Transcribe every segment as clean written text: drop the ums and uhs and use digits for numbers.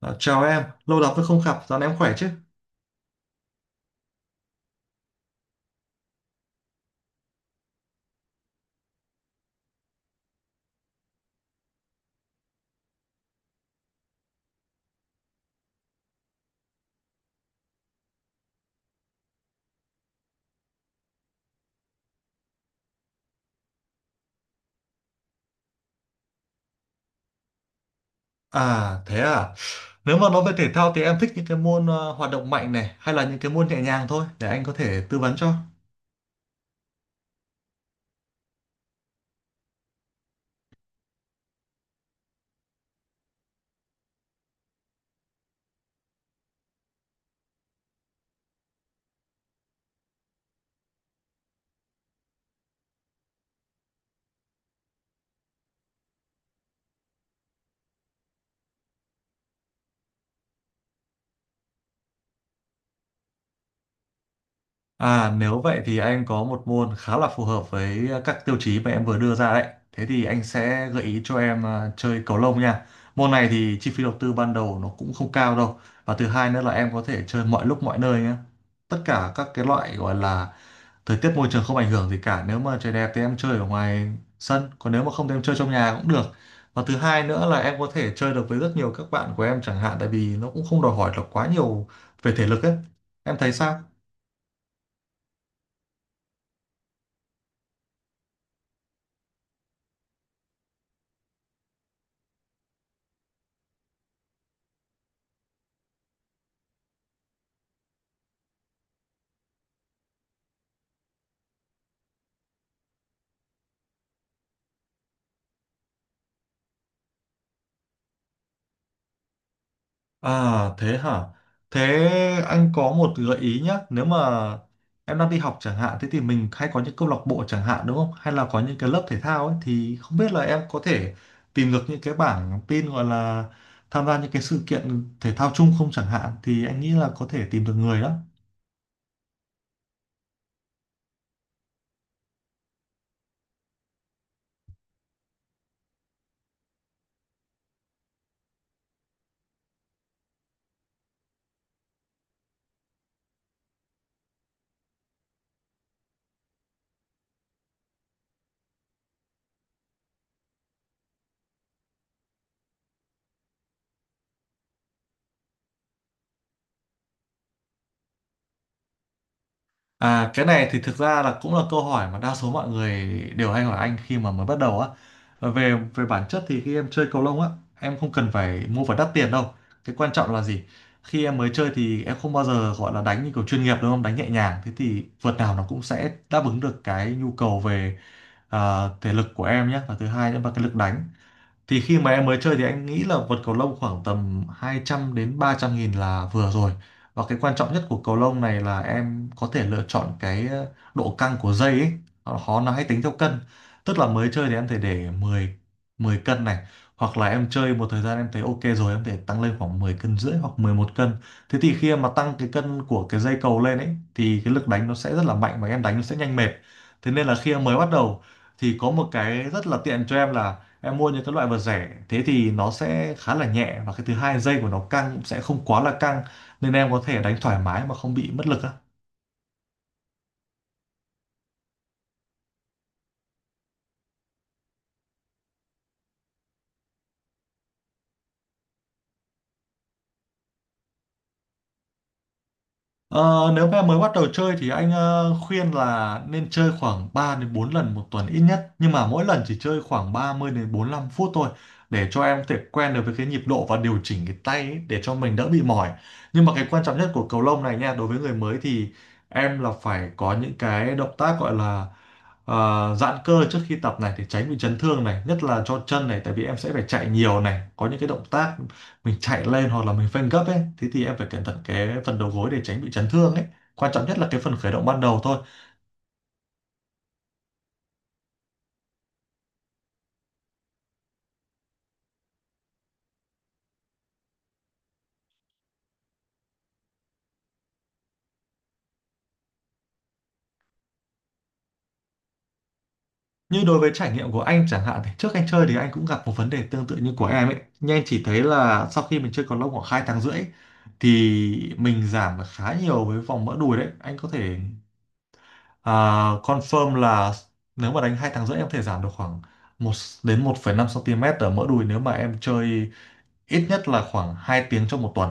Ờ, chào em, lâu lắm rồi không gặp, dạo này em khỏe chứ? À, thế à? Nếu mà nói về thể thao thì em thích những cái môn hoạt động mạnh này hay là những cái môn nhẹ nhàng thôi để anh có thể tư vấn cho. À, nếu vậy thì anh có một môn khá là phù hợp với các tiêu chí mà em vừa đưa ra đấy. Thế thì anh sẽ gợi ý cho em à, chơi cầu lông nha. Môn này thì chi phí đầu tư ban đầu nó cũng không cao đâu. Và thứ hai nữa là em có thể chơi mọi lúc mọi nơi nhé. Tất cả các cái loại gọi là thời tiết môi trường không ảnh hưởng gì cả. Nếu mà trời đẹp thì em chơi ở ngoài sân, còn nếu mà không thì em chơi trong nhà cũng được. Và thứ hai nữa là em có thể chơi được với rất nhiều các bạn của em chẳng hạn tại vì nó cũng không đòi hỏi là quá nhiều về thể lực ấy. Em thấy sao? À, thế hả? Thế anh có một gợi ý nhé. Nếu mà em đang đi học chẳng hạn, thế thì mình hay có những câu lạc bộ chẳng hạn đúng không? Hay là có những cái lớp thể thao ấy thì không biết là em có thể tìm được những cái bảng tin gọi là tham gia những cái sự kiện thể thao chung không chẳng hạn thì anh nghĩ là có thể tìm được người đó. À, cái này thì thực ra là cũng là câu hỏi mà đa số mọi người đều hay hỏi anh khi mà mới bắt đầu á. Và Về về bản chất thì khi em chơi cầu lông á, em không cần phải mua phải đắt tiền đâu. Cái quan trọng là gì? Khi em mới chơi thì em không bao giờ gọi là đánh như kiểu chuyên nghiệp đúng không? Đánh nhẹ nhàng. Thế thì vợt nào nó cũng sẽ đáp ứng được cái nhu cầu về à, thể lực của em nhé. Và thứ hai nữa là cái lực đánh thì khi mà em mới chơi thì anh nghĩ là vật cầu lông khoảng tầm 200 đến 300 nghìn là vừa rồi, và cái quan trọng nhất của cầu lông này là em có thể lựa chọn cái độ căng của dây ấy. Họ họ- Nó hay tính theo cân, tức là mới chơi thì em thể để 10 10 cân này, hoặc là em chơi một thời gian em thấy ok rồi em thể tăng lên khoảng 10 cân rưỡi hoặc 11 cân. Thế thì khi em mà tăng cái cân của cái dây cầu lên ấy thì cái lực đánh nó sẽ rất là mạnh và em đánh nó sẽ nhanh mệt, thế nên là khi em mới bắt đầu thì có một cái rất là tiện cho em là em mua những cái loại vật rẻ, thế thì nó sẽ khá là nhẹ và cái thứ hai dây của nó căng cũng sẽ không quá là căng, nên em có thể đánh thoải mái mà không bị mất lực á. Ờ, Nếu mà mới bắt đầu chơi thì anh khuyên là nên chơi khoảng 3 đến 4 lần một tuần ít nhất, nhưng mà mỗi lần chỉ chơi khoảng 30 đến 45 phút thôi để cho em có thể quen được với cái nhịp độ và điều chỉnh cái tay ấy để cho mình đỡ bị mỏi. Nhưng mà cái quan trọng nhất của cầu lông này nha, đối với người mới thì em là phải có những cái động tác gọi là giãn cơ trước khi tập này để tránh bị chấn thương này, nhất là cho chân này tại vì em sẽ phải chạy nhiều này, có những cái động tác mình chạy lên hoặc là mình phanh gấp ấy, thế thì em phải cẩn thận cái phần đầu gối để tránh bị chấn thương ấy. Quan trọng nhất là cái phần khởi động ban đầu thôi. Như đối với trải nghiệm của anh chẳng hạn thì trước anh chơi thì anh cũng gặp một vấn đề tương tự như của em ấy, nhưng anh chỉ thấy là sau khi mình chơi cầu lông khoảng 2 tháng rưỡi thì mình giảm được khá nhiều với vòng mỡ đùi đấy. Anh có thể à, confirm là nếu mà đánh 2 tháng rưỡi em có thể giảm được khoảng một đến 1,5 cm ở mỡ đùi nếu mà em chơi ít nhất là khoảng 2 tiếng trong một tuần.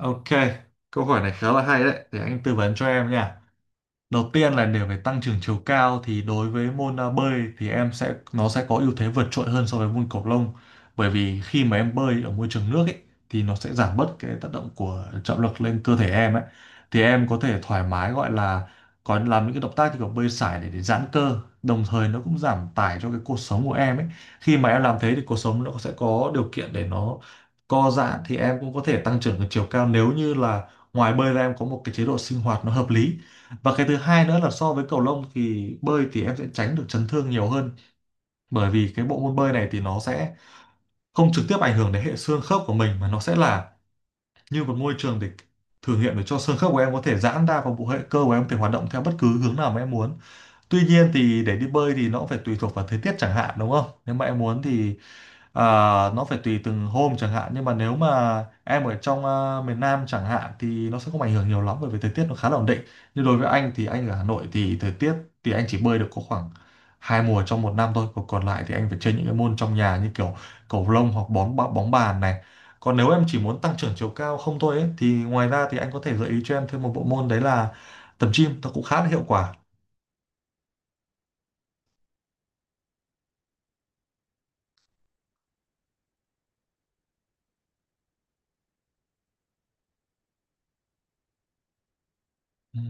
Ok, câu hỏi này khá là hay đấy, để anh tư vấn cho em nha. Đầu tiên là để phải tăng trưởng chiều cao thì đối với môn à, bơi thì em sẽ nó sẽ có ưu thế vượt trội hơn so với môn cầu lông, bởi vì khi mà em bơi ở môi trường nước ấy thì nó sẽ giảm bớt cái tác động của trọng lực lên cơ thể em ấy, thì em có thể thoải mái gọi là có làm những cái động tác như kiểu bơi sải để giãn cơ, đồng thời nó cũng giảm tải cho cái cột sống của em ấy. Khi mà em làm thế thì cột sống nó sẽ có điều kiện để nó co giãn, thì em cũng có thể tăng trưởng được chiều cao nếu như là ngoài bơi ra em có một cái chế độ sinh hoạt nó hợp lý. Và cái thứ hai nữa là so với cầu lông thì bơi thì em sẽ tránh được chấn thương nhiều hơn, bởi vì cái bộ môn bơi này thì nó sẽ không trực tiếp ảnh hưởng đến hệ xương khớp của mình, mà nó sẽ là như một môi trường để thử nghiệm để cho xương khớp của em có thể giãn ra và bộ hệ cơ của em có thể hoạt động theo bất cứ hướng nào mà em muốn. Tuy nhiên thì để đi bơi thì nó cũng phải tùy thuộc vào thời tiết chẳng hạn đúng không? Nếu mà em muốn thì à, nó phải tùy từng hôm chẳng hạn, nhưng mà nếu mà em ở trong à, miền Nam chẳng hạn thì nó sẽ không ảnh hưởng nhiều lắm bởi vì thời tiết nó khá là ổn định, nhưng đối với anh thì anh ở Hà Nội thì thời tiết thì anh chỉ bơi được có khoảng 2 mùa trong một năm thôi, còn còn lại thì anh phải chơi những cái môn trong nhà như kiểu cầu lông hoặc bóng bóng bóng bàn này. Còn nếu em chỉ muốn tăng trưởng chiều cao không thôi ấy, thì ngoài ra thì anh có thể gợi ý cho em thêm một bộ môn đấy là tập gym, nó cũng khá là hiệu quả. Ừ,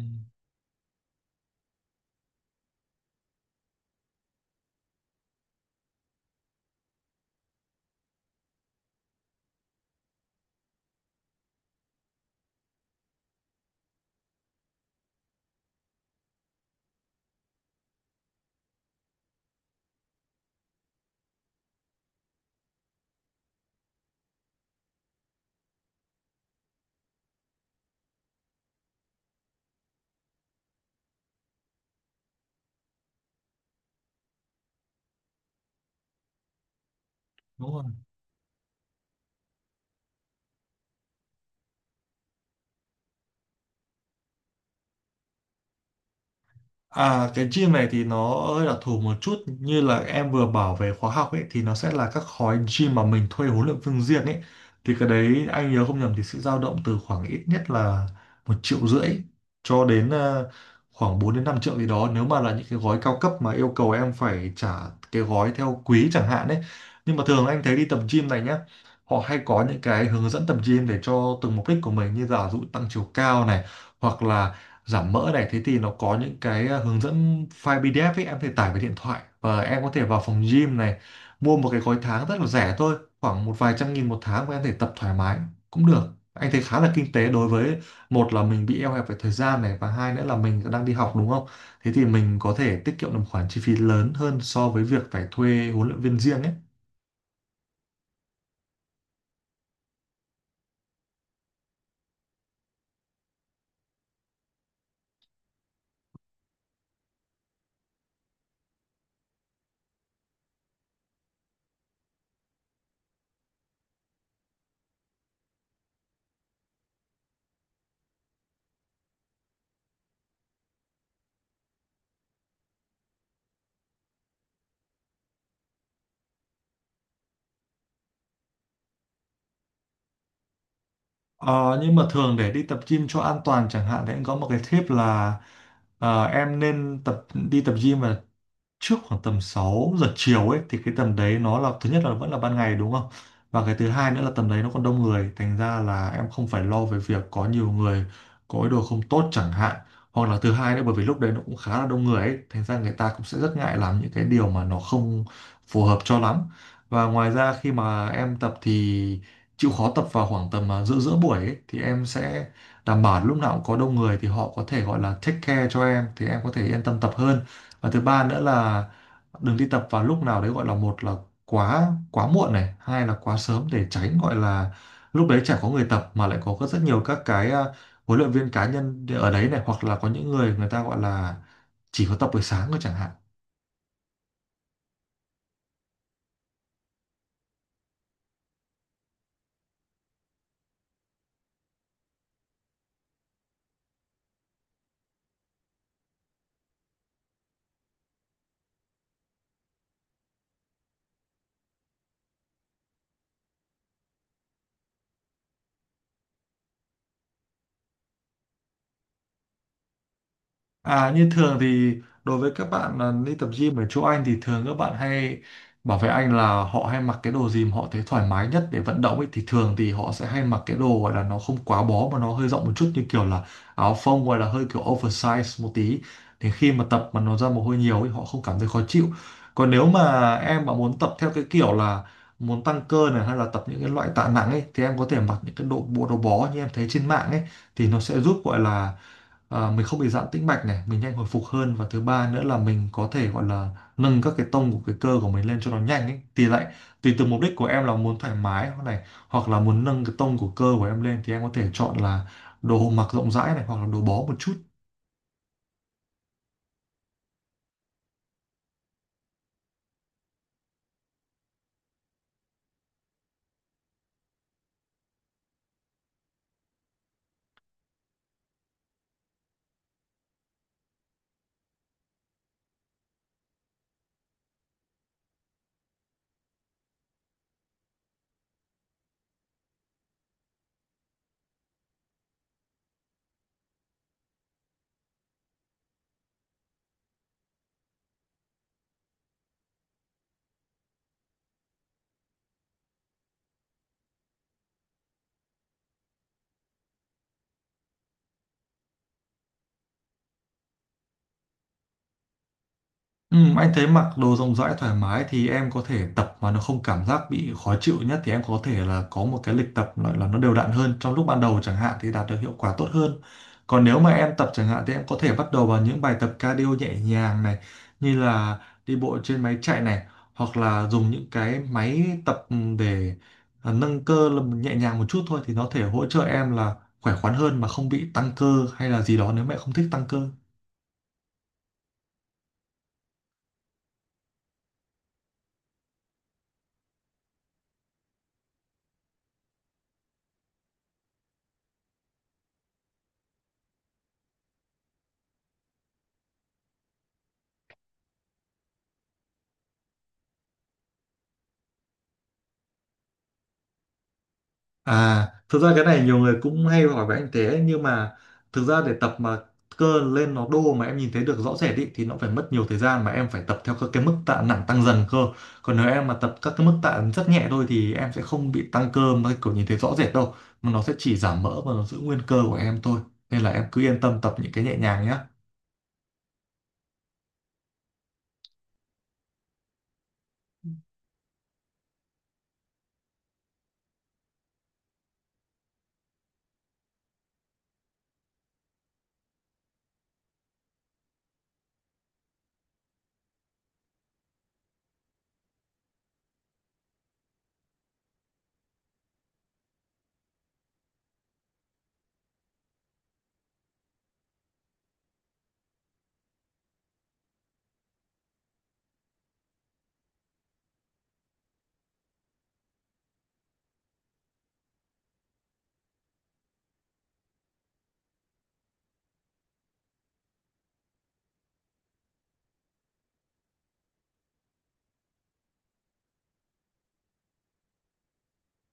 đúng rồi. À, cái gym này thì nó hơi đặc thù một chút, như là em vừa bảo về khóa học ấy thì nó sẽ là các khói gym mà mình thuê huấn luyện viên riêng ấy, thì cái đấy anh nhớ không nhầm thì sẽ dao động từ khoảng ít nhất là 1 triệu rưỡi cho đến khoảng 4 đến 5 triệu gì đó nếu mà là những cái gói cao cấp mà yêu cầu em phải trả cái gói theo quý chẳng hạn ấy. Nhưng mà thường anh thấy đi tập gym này nhá, họ hay có những cái hướng dẫn tập gym để cho từng mục đích của mình, như giả dụ tăng chiều cao này hoặc là giảm mỡ này, thế thì nó có những cái hướng dẫn file PDF ấy em có thể tải về điện thoại và em có thể vào phòng gym này mua một cái gói tháng rất là rẻ thôi, khoảng một vài trăm nghìn một tháng và em có thể tập thoải mái cũng được. Anh thấy khá là kinh tế đối với một là mình bị eo hẹp về thời gian này và hai nữa là mình đang đi học đúng không, thế thì mình có thể tiết kiệm được một khoản chi phí lớn hơn so với việc phải thuê huấn luyện viên riêng ấy. Ờ, nhưng mà thường để đi tập gym cho an toàn chẳng hạn thì em có một cái tip là em nên tập đi tập gym vào trước khoảng tầm 6 giờ chiều ấy, thì cái tầm đấy nó là thứ nhất là vẫn là ban ngày đúng không? Và cái thứ hai nữa là tầm đấy nó còn đông người, thành ra là em không phải lo về việc có nhiều người có ý đồ không tốt chẳng hạn, hoặc là thứ hai nữa bởi vì lúc đấy nó cũng khá là đông người ấy, thành ra người ta cũng sẽ rất ngại làm những cái điều mà nó không phù hợp cho lắm. Và ngoài ra khi mà em tập thì chịu khó tập vào khoảng tầm giữa giữa buổi ấy, thì em sẽ đảm bảo lúc nào cũng có đông người thì họ có thể gọi là take care cho em, thì em có thể yên tâm tập hơn. Và thứ ba nữa là đừng đi tập vào lúc nào đấy, gọi là một là quá quá muộn này, hai là quá sớm, để tránh gọi là lúc đấy chả có người tập mà lại có rất nhiều các cái huấn luyện viên cá nhân ở đấy này, hoặc là có những người người ta gọi là chỉ có tập buổi sáng thôi chẳng hạn. À, như thường thì đối với các bạn đi tập gym ở chỗ anh thì thường các bạn hay bảo với anh là họ hay mặc cái đồ gì mà họ thấy thoải mái nhất để vận động ấy, thì thường thì họ sẽ hay mặc cái đồ gọi là nó không quá bó mà nó hơi rộng một chút, như kiểu là áo phông gọi là hơi kiểu oversize một tí, thì khi mà tập mà nó ra mồ hôi nhiều ấy họ không cảm thấy khó chịu. Còn nếu mà em mà muốn tập theo cái kiểu là muốn tăng cơ này, hay là tập những cái loại tạ nặng ấy, thì em có thể mặc những cái đồ bộ đồ bó như em thấy trên mạng ấy, thì nó sẽ giúp gọi là mình không bị giãn tĩnh mạch này, mình nhanh hồi phục hơn, và thứ ba nữa là mình có thể gọi là nâng các cái tông của cái cơ của mình lên cho nó nhanh ấy, thì lại tùy từ mục đích của em là muốn thoải mái hoặc này, hoặc là muốn nâng cái tông của cơ của em lên, thì em có thể chọn là đồ mặc rộng rãi này hoặc là đồ bó một chút. Ừ, anh thấy mặc đồ rộng rãi thoải mái thì em có thể tập mà nó không cảm giác bị khó chịu nhất, thì em có thể là có một cái lịch tập gọi là nó đều đặn hơn trong lúc ban đầu chẳng hạn, thì đạt được hiệu quả tốt hơn. Còn nếu mà em tập chẳng hạn thì em có thể bắt đầu bằng những bài tập cardio nhẹ nhàng này, như là đi bộ trên máy chạy này, hoặc là dùng những cái máy tập để nâng cơ là nhẹ nhàng một chút thôi, thì nó thể hỗ trợ em là khỏe khoắn hơn mà không bị tăng cơ hay là gì đó nếu mẹ không thích tăng cơ. À, thực ra cái này nhiều người cũng hay hỏi với anh thế, nhưng mà thực ra để tập mà cơ lên nó đô mà em nhìn thấy được rõ rệt ý, thì nó phải mất nhiều thời gian mà em phải tập theo các cái mức tạ nặng tăng dần cơ. Còn nếu em mà tập các cái mức tạ rất nhẹ thôi thì em sẽ không bị tăng cơ mà kiểu nhìn thấy rõ rệt đâu. Mà nó sẽ chỉ giảm mỡ và nó giữ nguyên cơ của em thôi. Nên là em cứ yên tâm tập những cái nhẹ nhàng nhé.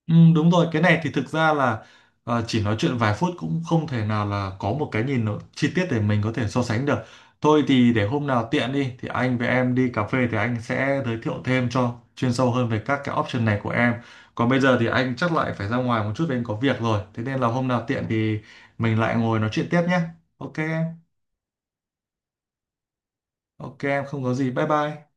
Ừ, đúng rồi, cái này thì thực ra là chỉ nói chuyện vài phút cũng không thể nào là có một cái nhìn nó chi tiết để mình có thể so sánh được. Thôi thì để hôm nào tiện đi thì anh với em đi cà phê, thì anh sẽ giới thiệu thêm cho chuyên sâu hơn về các cái option này của em. Còn bây giờ thì anh chắc lại phải ra ngoài một chút vì anh có việc rồi. Thế nên là hôm nào tiện thì mình lại ngồi nói chuyện tiếp nhé. Ok em, ok em không có gì. Bye bye.